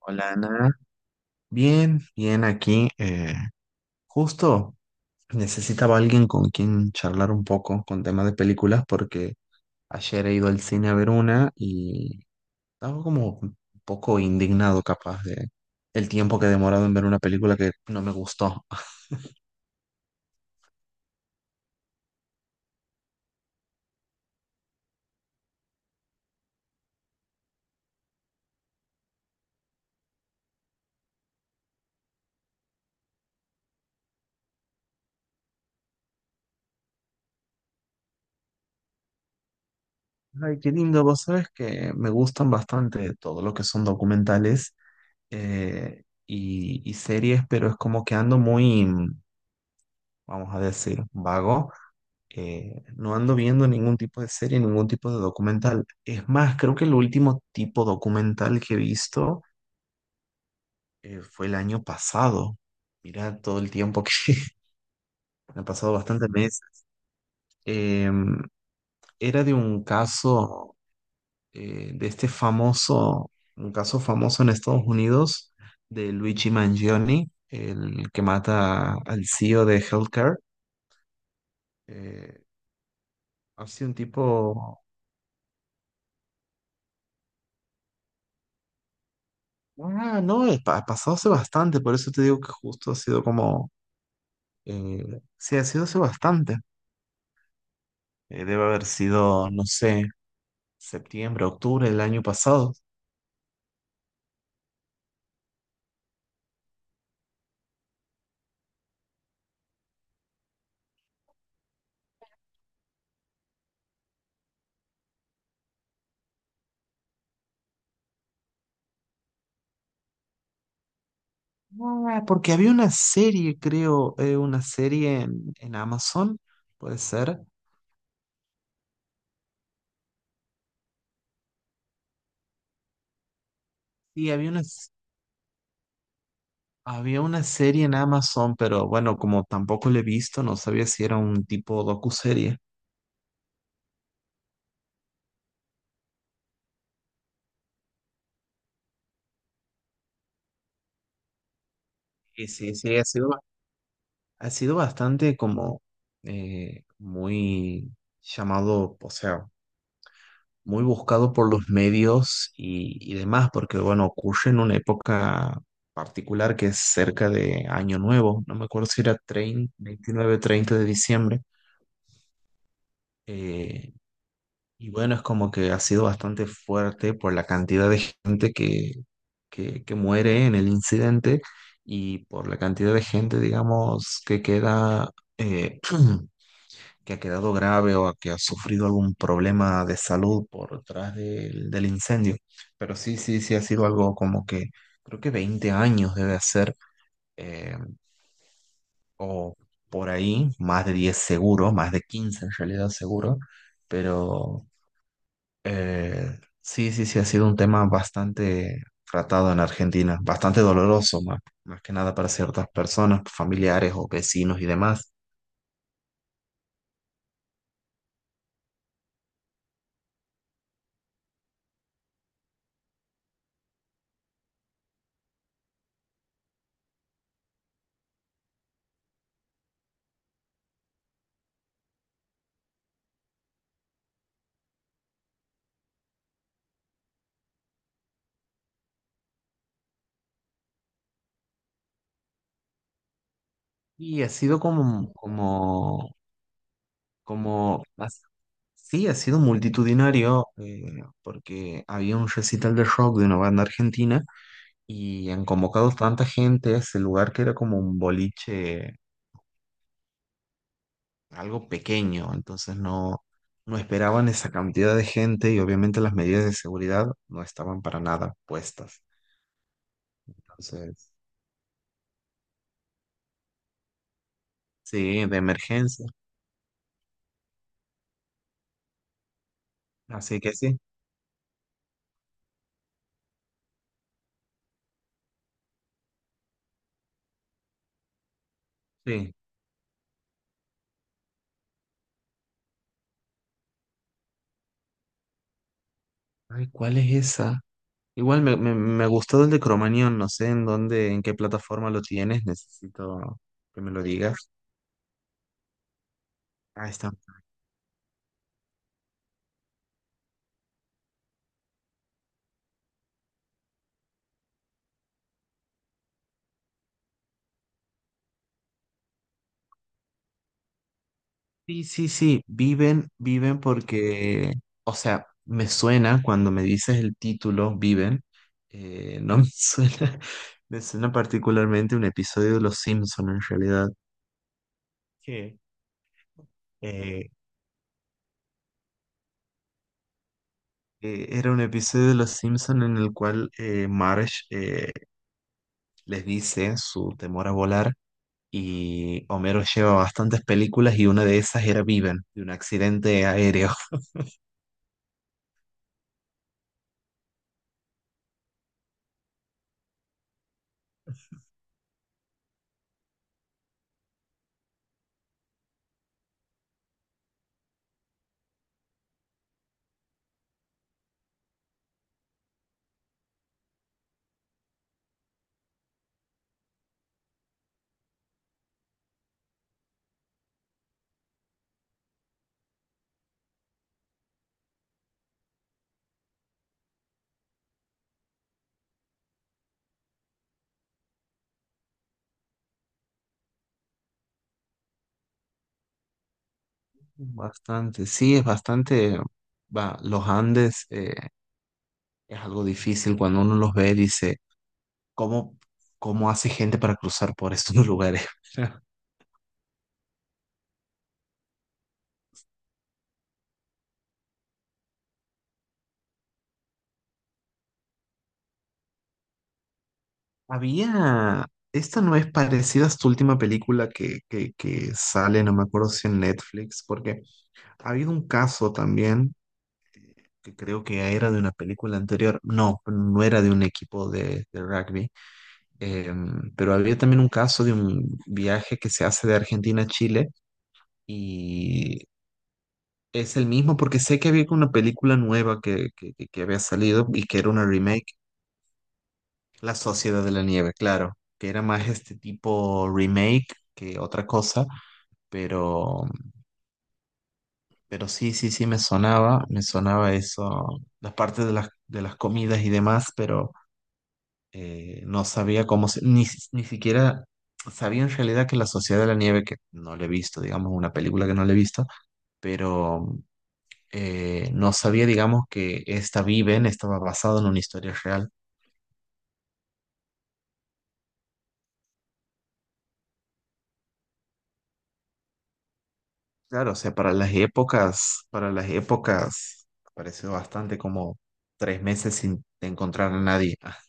Hola Ana, bien, bien aquí. Justo necesitaba alguien con quien charlar un poco con temas de películas porque ayer he ido al cine a ver una y estaba como un poco indignado capaz de el tiempo que he demorado en ver una película que no me gustó. Ay, qué lindo, vos sabes que me gustan bastante todo lo que son documentales, y series, pero es como que ando muy, vamos a decir, vago. No ando viendo ningún tipo de serie, ningún tipo de documental. Es más, creo que el último tipo documental que he visto, fue el año pasado. Mira todo el tiempo que han pasado bastantes meses. Eh, Era de un caso, de este famoso, un caso famoso en Estados Unidos, de Luigi Mangione, el que mata al CEO de Healthcare. Eh, Ha sido un tipo. Ah, no, ha pasado hace bastante, por eso te digo que justo ha sido como, sí, ha sido hace bastante. Debe haber sido, no sé, septiembre, octubre del año pasado. Ah, porque había una serie, creo, una serie en Amazon, puede ser. Sí, había una, había una serie en Amazon, pero bueno, como tampoco la he visto, no sabía si era un tipo docuserie. Y sí, sí, ha sido bastante como, muy llamado, o sea, muy buscado por los medios y demás, porque bueno, ocurre en una época particular que es cerca de Año Nuevo, no me acuerdo si era 30, 29, 30 de diciembre. eh, y bueno, es como que ha sido bastante fuerte por la cantidad de gente que, que muere en el incidente y por la cantidad de gente, digamos, que queda... eh, que ha quedado grave o a que ha sufrido algún problema de salud por detrás del, del incendio. Pero sí, sí, sí ha sido algo como que creo que 20 años debe ser, eh, o por ahí, más de 10 seguro, más de 15 en realidad seguro, pero sí, sí, sí ha sido un tema bastante tratado en Argentina, bastante doloroso, más, más que nada para ciertas personas, familiares o vecinos y demás. Y ha sido como, como. Como sí, ha sido multitudinario, porque había un recital de rock de una banda argentina y han convocado tanta gente a ese lugar que era como un boliche, algo pequeño, entonces no, no esperaban esa cantidad de gente y obviamente las medidas de seguridad no estaban para nada puestas. Entonces, sí, de emergencia. Así que sí, sí. Ay, ¿cuál es esa? Igual me gustó el de Cromanión, no sé en dónde, en qué plataforma lo tienes, necesito que me lo digas. Ah, está. Sí, sí, sí, viven, viven porque, o sea, me suena cuando me dices el título, viven, no me suena, me suena particularmente un episodio de Los Simpson en realidad. Qué eh, era un episodio de Los Simpson en el cual Marge, les dice su temor a volar y Homero lleva bastantes películas y una de esas era Viven, de un accidente aéreo. Bastante, sí, es bastante, va, los Andes, es algo difícil cuando uno los ve, dice, ¿cómo, cómo hace gente para cruzar por estos lugares? Había, esta no es parecida a tu última película que, que sale, no me acuerdo si en Netflix, porque ha habido un caso también, que creo que era de una película anterior, no, no era de un equipo de rugby. Eh, pero había también un caso de un viaje que se hace de Argentina a Chile y es el mismo porque sé que había una película nueva que, que había salido y que era una remake. La Sociedad de la Nieve, claro, que era más este tipo remake que otra cosa, pero, pero sí, sí, sí, me sonaba eso, las partes de las comidas y demás, pero... no sabía cómo se, ni, ni siquiera sabía en realidad que La Sociedad de la Nieve, que no la he visto, digamos, una película que no la he visto, pero no sabía, digamos, que esta Viven estaba basada en una historia real. Claro, o sea, para las épocas, pareció bastante como tres meses sin encontrar a nadie.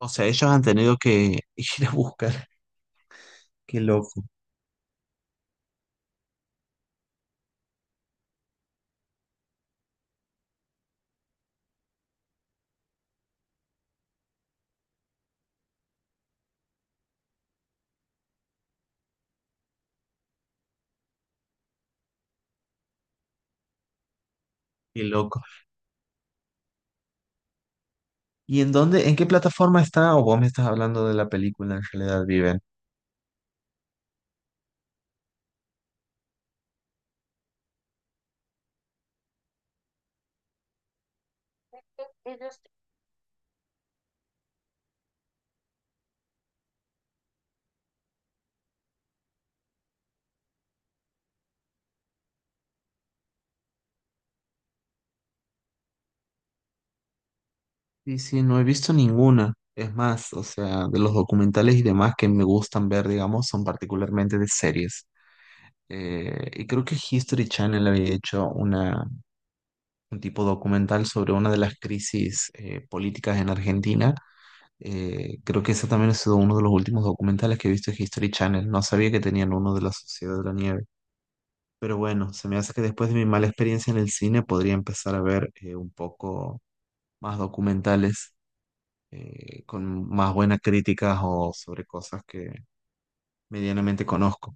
O sea, ellos han tenido que ir a buscar. Qué loco, qué loco. ¿Y en dónde, en qué plataforma está? O vos me estás hablando de la película en realidad, Viven. Sí, sí, no he visto ninguna. Es más, o sea, de los documentales y demás que me gustan ver, digamos, son particularmente de series. Y creo que History Channel había hecho una, un tipo documental sobre una de las crisis políticas en Argentina. Creo que ese también ha sido uno de los últimos documentales que he visto en History Channel. No sabía que tenían uno de la Sociedad de la Nieve. Pero bueno, se me hace que después de mi mala experiencia en el cine podría empezar a ver, un poco más documentales. Con más buenas críticas o sobre cosas que medianamente conozco.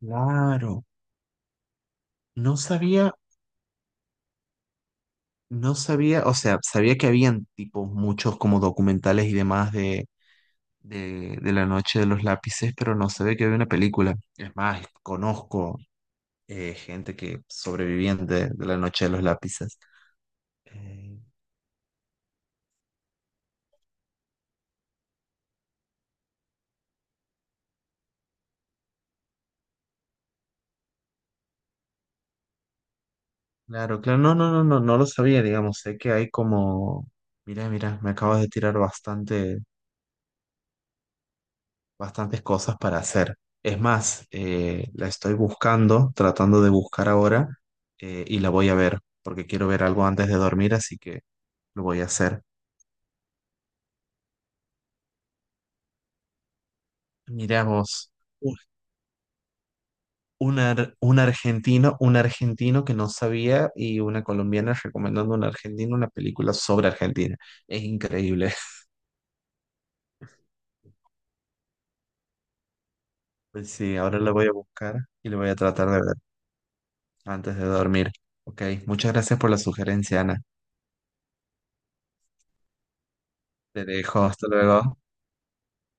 Claro, no sabía, no sabía, o sea, sabía que habían tipos muchos como documentales y demás de la noche de los lápices, pero no sabía que había una película. Es más, conozco gente que sobrevivían de la noche de los lápices. Eh, claro, claro, no, no, no, no, no lo sabía, digamos, sé que hay como, mira, mira, me acabas de tirar bastantes cosas para hacer. Es más, la estoy buscando, tratando de buscar ahora, y la voy a ver porque quiero ver algo antes de dormir, así que lo voy a hacer. Miramos un, un argentino que no sabía y una colombiana recomendando a un argentino una película sobre Argentina. Es increíble. Pues sí, ahora la voy a buscar y la voy a tratar de ver antes de dormir. Ok, muchas gracias por la sugerencia, Ana. Te dejo, hasta luego.